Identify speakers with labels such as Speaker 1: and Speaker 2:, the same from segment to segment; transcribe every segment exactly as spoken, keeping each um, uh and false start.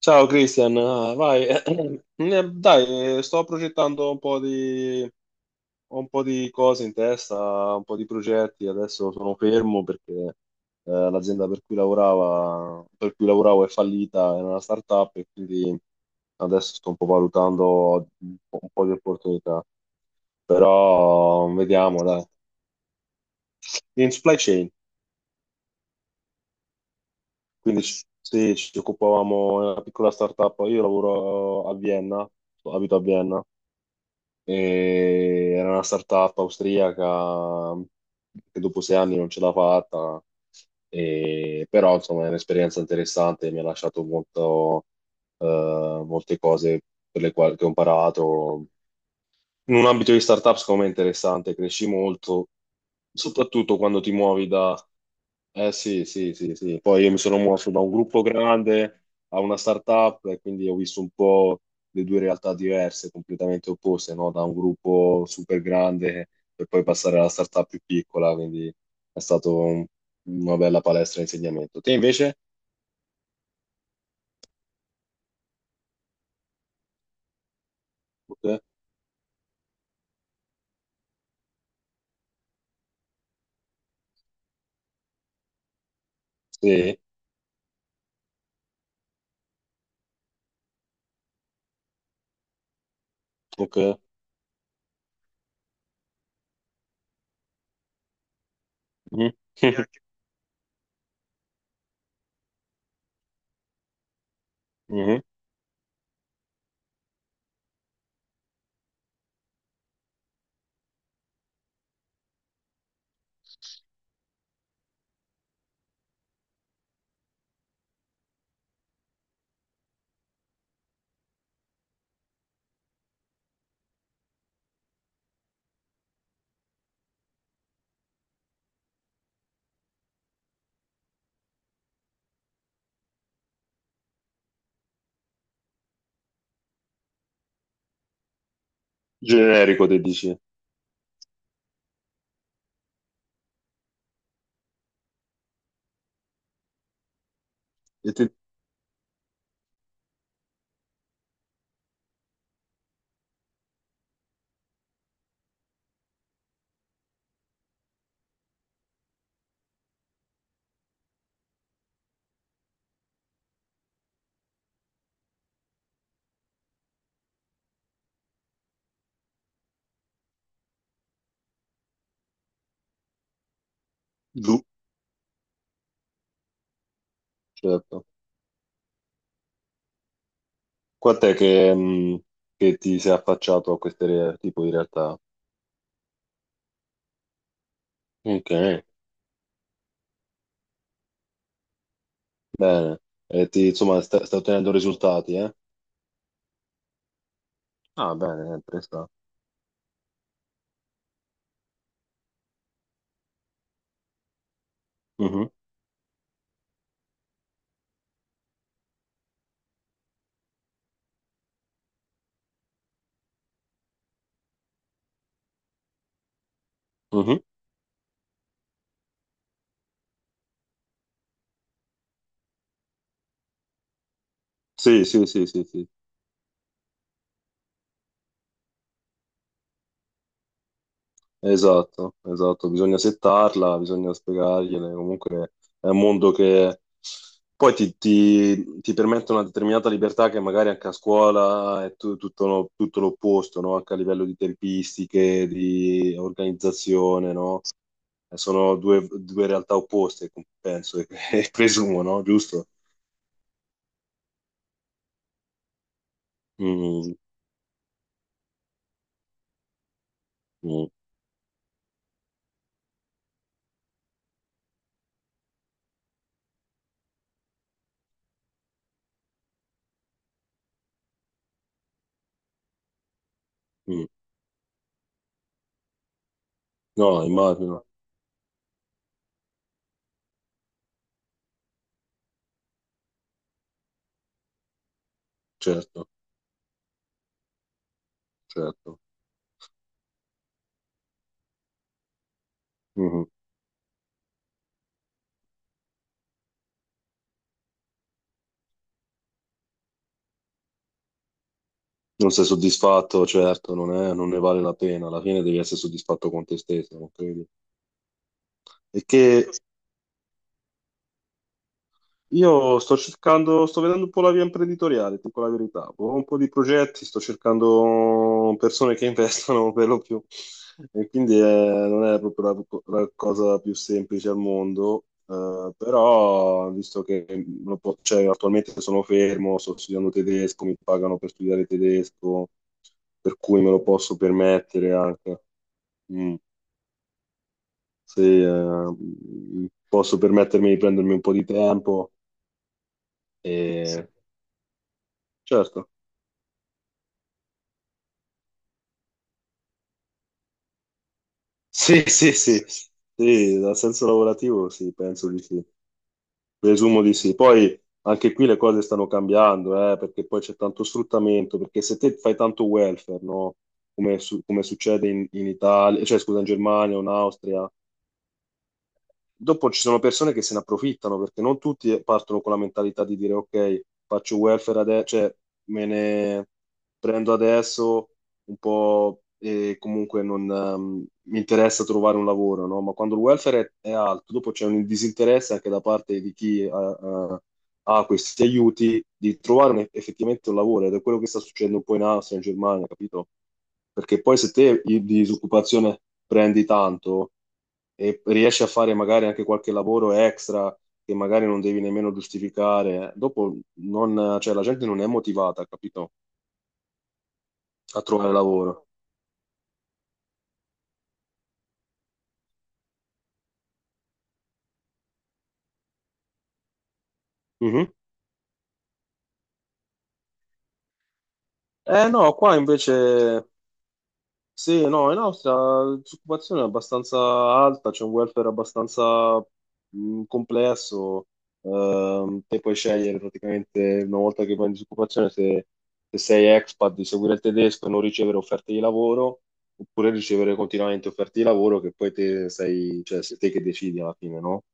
Speaker 1: Ciao Cristian, Ah, vai. Eh, Dai, eh, sto progettando un po' di, ho un po' di cose in testa, un po' di progetti. Adesso sono fermo perché eh, l'azienda per cui lavorava, per cui lavoravo è fallita, era una startup e quindi adesso sto un po' valutando un po', un po' di opportunità. Però vediamo, dai. In supply chain, quindi s- sì, ci occupavamo di una piccola startup. Io lavoro a Vienna, abito a Vienna. E era una startup austriaca che dopo sei anni non ce l'ha fatta, e- però insomma è un'esperienza interessante, mi ha lasciato molto, eh, molte cose per le quali che ho imparato. In un ambito di startup, secondo me è interessante, cresci molto, soprattutto quando ti muovi. Eh sì, sì, sì, sì. Poi io mi sono mosso da un gruppo grande a una startup e quindi ho visto un po' le due realtà diverse, completamente opposte, no? Da un gruppo super grande per poi passare alla startup più piccola, quindi è stato un- una bella palestra di insegnamento. Te invece? Ok. Sì, ok. Mhm. Sì, anche- Mhm. Generico, te dici. E te... Giù, certo. Quant'è che, mh, che ti sei affacciato a questo tipo di realtà? Ok. Bene, e ti, insomma, sta, sta ottenendo risultati, eh? Ah, bene, eh, presta. Mhm, mhm. Sì, sì, sì, sì, sì, esatto, esatto, bisogna settarla, bisogna spiegargliele, comunque è un mondo che poi ti, ti- ti permette una determinata libertà che magari anche a scuola è tu- tutto, lo- tutto l'opposto, no? Anche a livello di tempistiche, di organizzazione, no? Eh, Sono due, due realtà opposte, penso e e presumo, no? Giusto? Mm, mm. Mm. No, immagino, certo, certo. Mhm. Non sei soddisfatto, certo, non è- non ne vale la pena. Alla fine devi essere soddisfatto con te stesso, non credi? E che, Io sto cercando, sto vedendo un po' la via imprenditoriale, ti dico la verità. Ho un po' di progetti, sto cercando persone che investono per lo più. E quindi eh, non è proprio la, la cosa più semplice al mondo, eh, però visto che lo po- cioè, attualmente sono fermo, sto studiando tedesco, mi pagano per studiare tedesco, per cui me lo posso permettere anche. Mm. Se eh, mm, posso permettermi di prendermi un po' di tempo. Sì. e Certo. Sì, sì, sì, sì, dal senso lavorativo sì, penso di sì, presumo di sì. Poi anche qui le cose stanno cambiando, eh, perché poi c'è tanto sfruttamento, perché se te fai tanto welfare, no? Come, su- come succede in, in Italia, cioè scusa, in Germania o in Austria. Dopo ci sono persone che se ne approfittano perché non tutti partono con la mentalità di dire ok, faccio welfare adesso, cioè me ne prendo adesso un po' e comunque non ehm, mi interessa trovare un lavoro, no? Ma quando il welfare è, è alto, dopo c'è un disinteresse anche da parte di chi ha, ha- ha questi aiuti di trovare un- effettivamente un lavoro ed è quello che sta succedendo un po' in Austria, in Germania, capito? Perché poi se te i- di disoccupazione prendi tanto e riesci a fare magari anche qualche lavoro extra che magari non devi nemmeno giustificare, dopo non, cioè, la gente non è motivata, capito? A trovare lavoro. Mhm. Eh no, qua invece. Sì, no, in Austria la disoccupazione è abbastanza alta, c'è un welfare abbastanza mh, complesso. Ehm, te puoi scegliere praticamente una volta che vai in disoccupazione se, se sei expat di seguire il tedesco e non ricevere offerte di lavoro oppure ricevere continuamente offerte di lavoro che poi te sei, cioè sei te che decidi alla fine, no?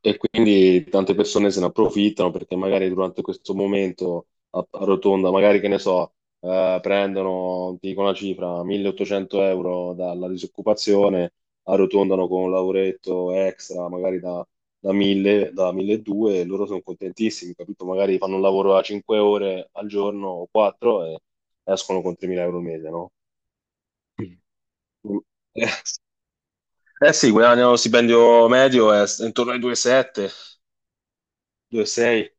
Speaker 1: E quindi tante persone se ne approfittano perché magari durante questo momento a, a rotonda, magari che ne so, eh, prendono, ti dico una cifra, milleottocento euro dalla disoccupazione, arrotondano con un lavoretto extra, magari da, da, mille, da milleduecento e loro sono contentissimi, capito? Magari fanno un lavoro a cinque ore al giorno o quattro e escono con tremila euro al mese, no? Eh, eh sì, guadagnano lo stipendio medio è intorno ai due e sette, due e sei.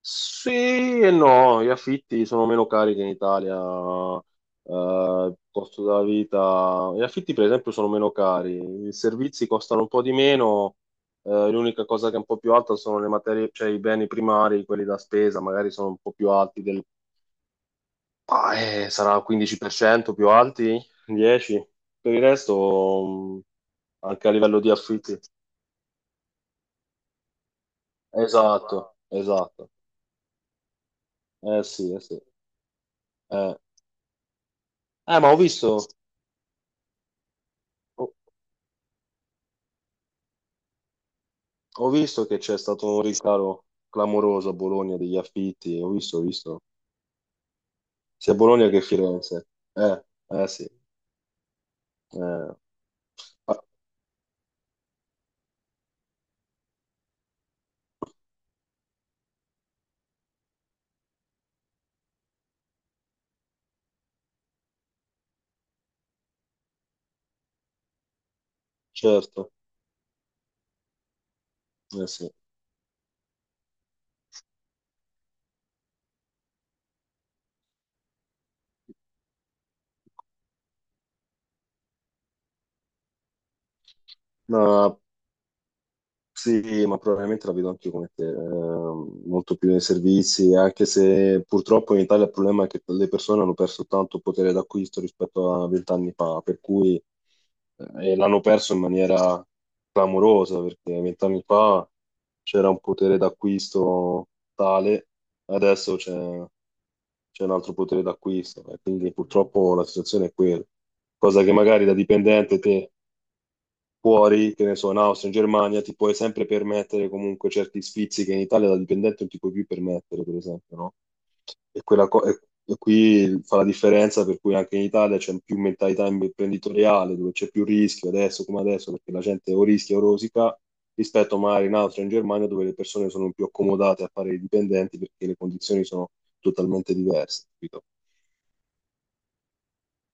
Speaker 1: Sì e no, gli affitti sono meno cari che in Italia, eh, il costo della vita, gli affitti per esempio sono meno cari, i servizi costano un po' di meno, eh, l'unica cosa che è un po' più alta sono le materie, cioè i beni primari, quelli da spesa, magari sono un po' più alti del, ah, eh, sarà quindici per cento più alti, dieci per cento, per cento, per il resto mm, anche a livello di affitti. Esatto, esatto, eh sì, eh sì. Eh, eh, ma ho visto... Ho visto che c'è stato un ricaro clamoroso a Bologna degli affitti, ho visto, ho visto, sia a Bologna che a Firenze. Eh, eh sì, eh. Ah, certo, eh sì. No, sì, ma probabilmente la vedo anche come te, ehm, molto più nei servizi, anche se purtroppo in Italia il problema è che le persone hanno perso tanto potere d'acquisto rispetto a vent'anni fa, per cui eh, e l'hanno perso in maniera clamorosa, perché vent'anni fa c'era un potere d'acquisto tale, adesso c'è c'è un altro potere d'acquisto, e quindi purtroppo la situazione è quella, cosa che magari da dipendente te fuori, che ne so, in Austria, in Germania, ti puoi sempre permettere comunque certi sfizi che in Italia da dipendente non ti puoi più permettere, per esempio, no? E quella co- e- e qui fa la differenza per cui anche in Italia c'è più mentalità imprenditoriale, dove c'è più rischio adesso come adesso, perché la gente o rischia o rosica, rispetto magari in Austria, in Germania, dove le persone sono più accomodate a fare i dipendenti perché le condizioni sono totalmente diverse, capito?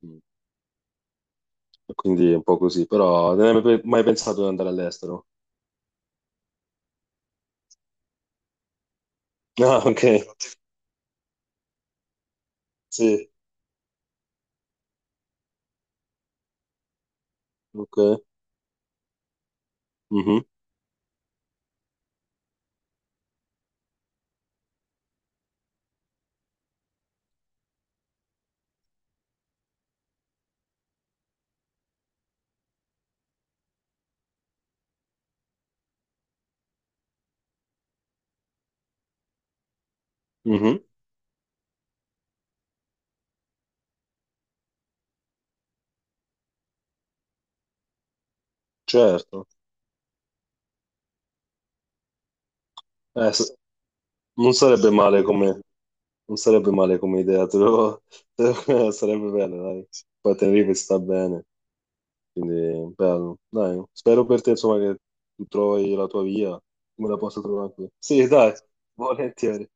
Speaker 1: Mm. Quindi è un po' così, però non hai mai pensato di andare all'estero? Ah, ok, sì. Ok. Mhm, mhm, certo. Eh, s- non sarebbe male come, Non sarebbe male come idea, te lo- te lo- sarebbe bello, dai. Poi Tenerife sta bene, quindi bello. Dai, spero per te, insomma, che tu trovi la tua via, come la possa trovare anche io. Sì, dai, volentieri.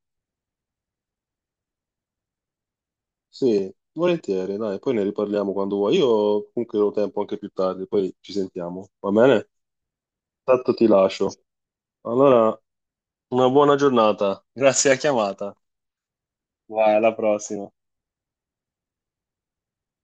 Speaker 1: Sì, volentieri, dai, poi ne riparliamo quando vuoi. Io comunque ho tempo anche più tardi, poi ci sentiamo, va bene? Tanto ti lascio. Allora, una buona giornata. Grazie alla chiamata. Vai, alla prossima.